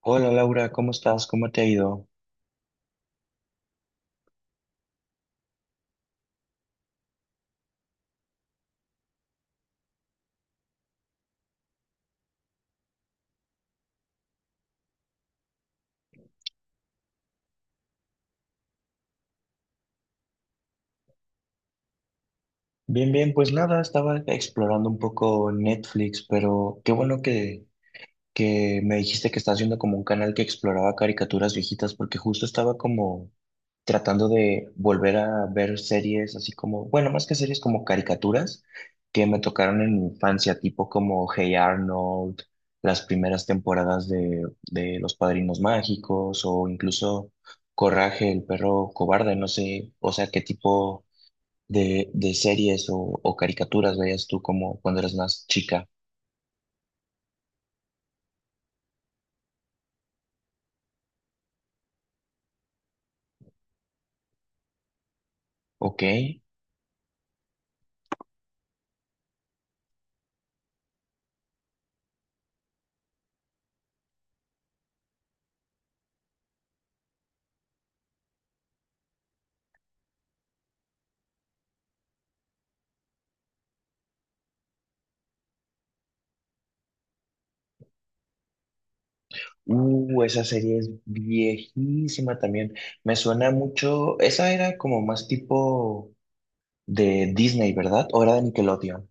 Hola Laura, ¿cómo estás? ¿Cómo te ha ido? Bien, bien, pues nada, estaba explorando un poco Netflix, pero qué bueno que me dijiste que estás viendo como un canal que exploraba caricaturas viejitas, porque justo estaba como tratando de volver a ver series así como, bueno, más que series como caricaturas que me tocaron en mi infancia, tipo como Hey Arnold, las primeras temporadas de Los Padrinos Mágicos o incluso Coraje, el perro cobarde, no sé, o sea, qué tipo de series o caricaturas veías tú como cuando eras más chica. ¿Ok? Esa serie es viejísima también. Me suena mucho. Esa era como más tipo de Disney, ¿verdad? ¿O era de Nickelodeon?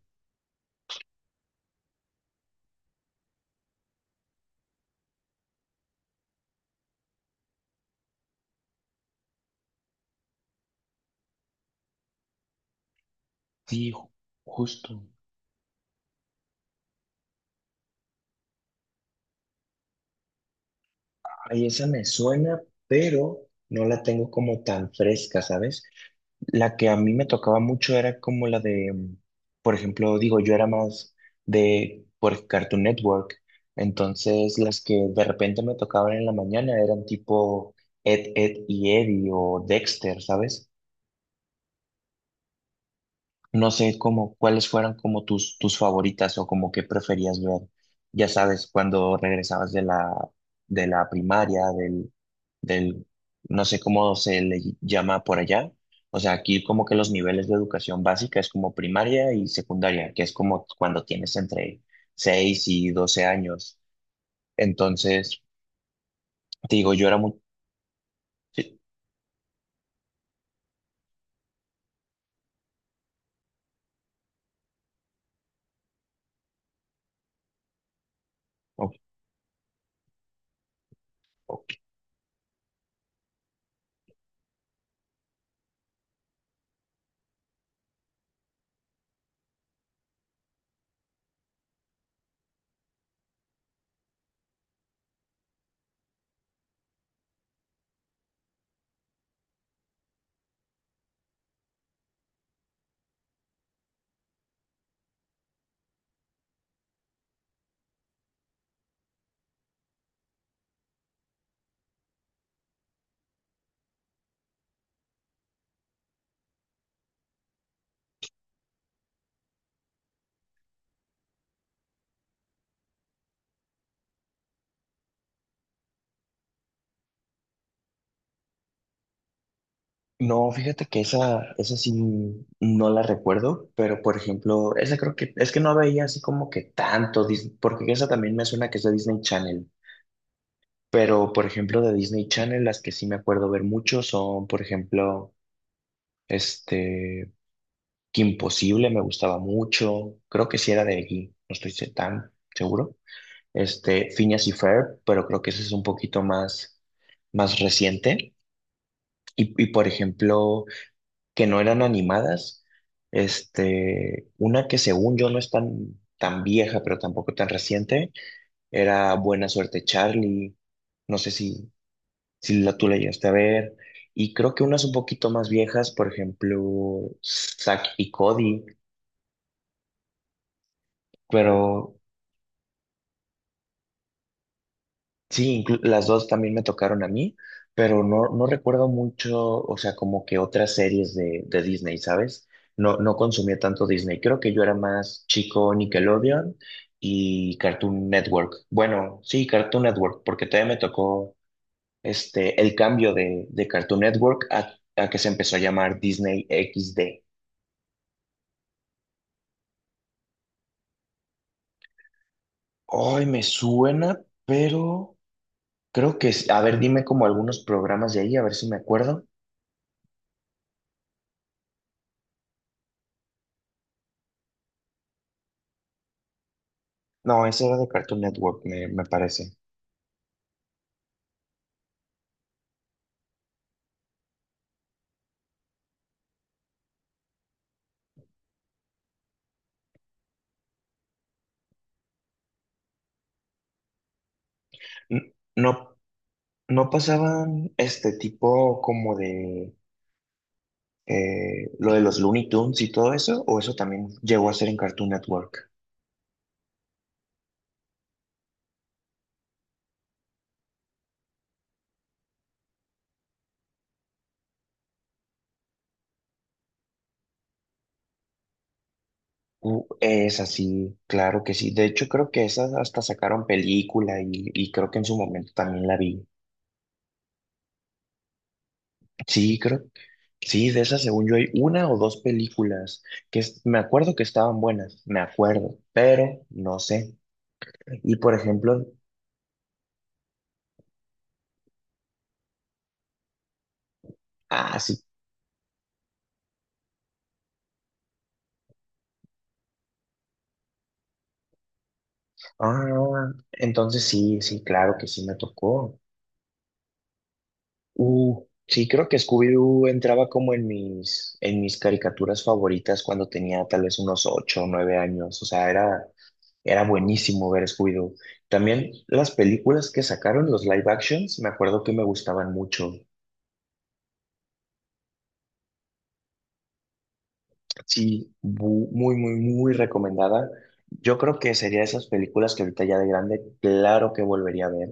Sí, justo. Ay, esa me suena, pero no la tengo como tan fresca, ¿sabes? La que a mí me tocaba mucho era como la de, por ejemplo, digo, yo era más de por Cartoon Network, entonces las que de repente me tocaban en la mañana eran tipo Ed, Ed y Eddie o Dexter, ¿sabes? No sé cómo, cuáles fueran como tus, tus favoritas o como qué preferías ver. Ya sabes, cuando regresabas de la primaria, del, no sé cómo se le llama por allá. O sea, aquí como que los niveles de educación básica es como primaria y secundaria, que es como cuando tienes entre 6 y 12 años. Entonces, te digo, yo era muy... Sí, ok, ok. No, fíjate que esa sí no la recuerdo, pero por ejemplo, esa creo que es que no veía así como que tanto Disney, porque esa también me suena que es de Disney Channel, pero por ejemplo de Disney Channel las que sí me acuerdo ver mucho son, por ejemplo, este, Kim imposible me gustaba mucho. Creo que sí era de allí, no estoy tan seguro. Este, Phineas y Ferb, pero creo que ese es un poquito más reciente. Por ejemplo, que no eran animadas. Este, una que según yo no es tan, tan vieja, pero tampoco tan reciente, era Buena Suerte Charlie. No sé si, si la, tú la llegaste a ver. Y creo que unas un poquito más viejas, por ejemplo, Zack y Cody. Pero sí, las dos también me tocaron a mí, pero no, no recuerdo mucho, o sea, como que otras series de Disney, ¿sabes? No, no consumía tanto Disney. Creo que yo era más chico Nickelodeon y Cartoon Network. Bueno, sí, Cartoon Network, porque todavía me tocó este, el cambio de Cartoon Network a que se empezó a llamar Disney XD. Ay, me suena, pero creo a ver, dime como algunos programas de ahí, a ver si me acuerdo. No, ese era de Cartoon Network, me parece. No, no pasaban este tipo como de lo de los Looney Tunes y todo eso, o eso también llegó a ser en Cartoon Network. Es así, claro que sí. De hecho, creo que esas hasta sacaron película y creo que en su momento también la vi. Sí, creo, sí, de esas según yo hay una o dos películas que me acuerdo que estaban buenas, me acuerdo, pero no sé. Y por ejemplo, así, ah, entonces sí, sí, claro que sí me tocó. Sí, creo que Scooby-Doo entraba como en en mis caricaturas favoritas cuando tenía tal vez unos ocho o nueve años. O sea, era, era buenísimo ver Scooby-Doo. También las películas que sacaron, los live actions, me acuerdo que me gustaban mucho. Sí, muy, muy, muy recomendada. Yo creo que sería esas películas que ahorita ya de grande, claro que volvería a ver.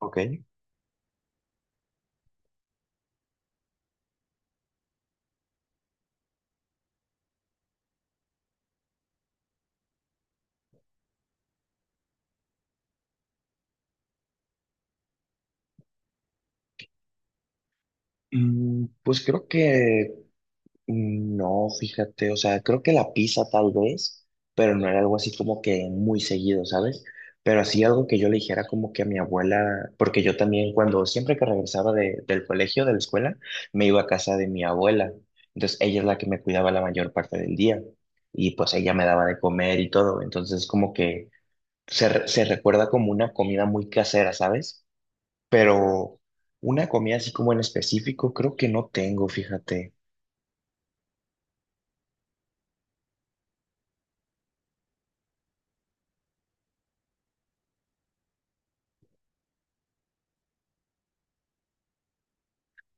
Ok. Mm, pues creo que no, fíjate, o sea, creo que la pizza tal vez, pero no era algo así como que muy seguido, ¿sabes? Pero así algo que yo le dijera como que a mi abuela, porque yo también cuando siempre que regresaba del colegio, de la escuela, me iba a casa de mi abuela. Entonces ella es la que me cuidaba la mayor parte del día y pues ella me daba de comer y todo. Entonces como que se, se recuerda como una comida muy casera, ¿sabes? Pero una comida así como en específico, creo que no tengo, fíjate.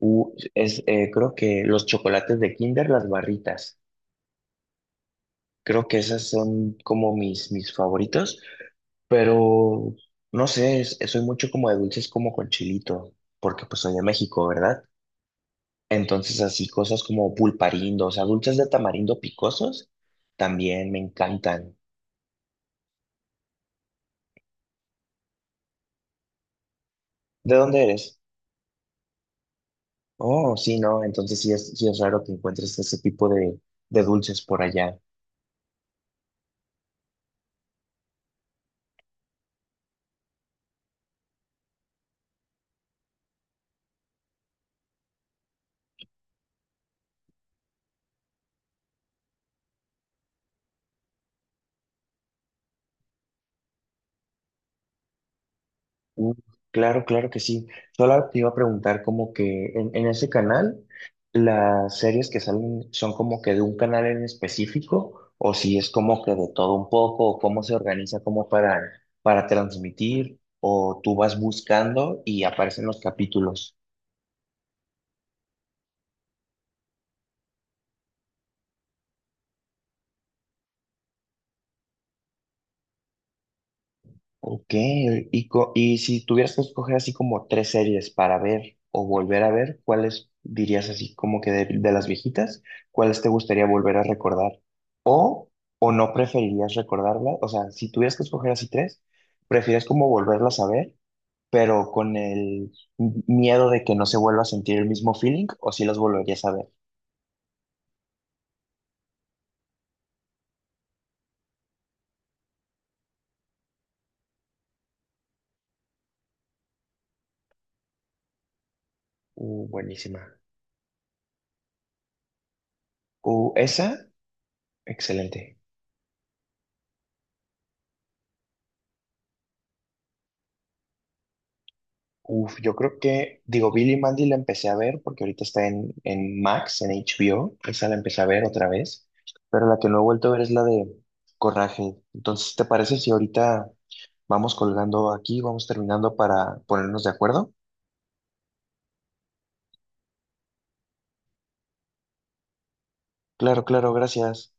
Creo que los chocolates de Kinder, las barritas. Creo que esas son como mis, mis favoritos, pero no sé, soy mucho como de dulces como con chilito, porque pues soy de México, ¿verdad? Entonces así cosas como pulparindo, o sea, dulces de tamarindo picosos, también me encantan. ¿De dónde eres? Oh, sí, no, entonces sí es raro que encuentres ese tipo de dulces por allá. Uh, Claro, claro que sí. Solo te iba a preguntar como que en ese canal, las series que salen son como que de un canal en específico, o si es como que de todo un poco, o cómo se organiza como para transmitir, o tú vas buscando y aparecen los capítulos. Ok, y si tuvieras que escoger así como tres series para ver o volver a ver, ¿cuáles dirías así como que de las viejitas? ¿Cuáles te gustaría volver a recordar? ¿O, o no preferirías recordarlas? O sea, si tuvieras que escoger así tres, ¿prefieres como volverlas a ver, pero con el miedo de que no se vuelva a sentir el mismo feeling? ¿O si las volverías a ver? Buenísima. Esa, excelente. Uf, yo creo que, digo, Billy Mandy la empecé a ver porque ahorita está en Max, en HBO, esa la empecé a ver otra vez, pero la que no he vuelto a ver es la de Coraje. Entonces, ¿te parece si ahorita vamos colgando aquí, vamos terminando para ponernos de acuerdo? Claro, claro, gracias.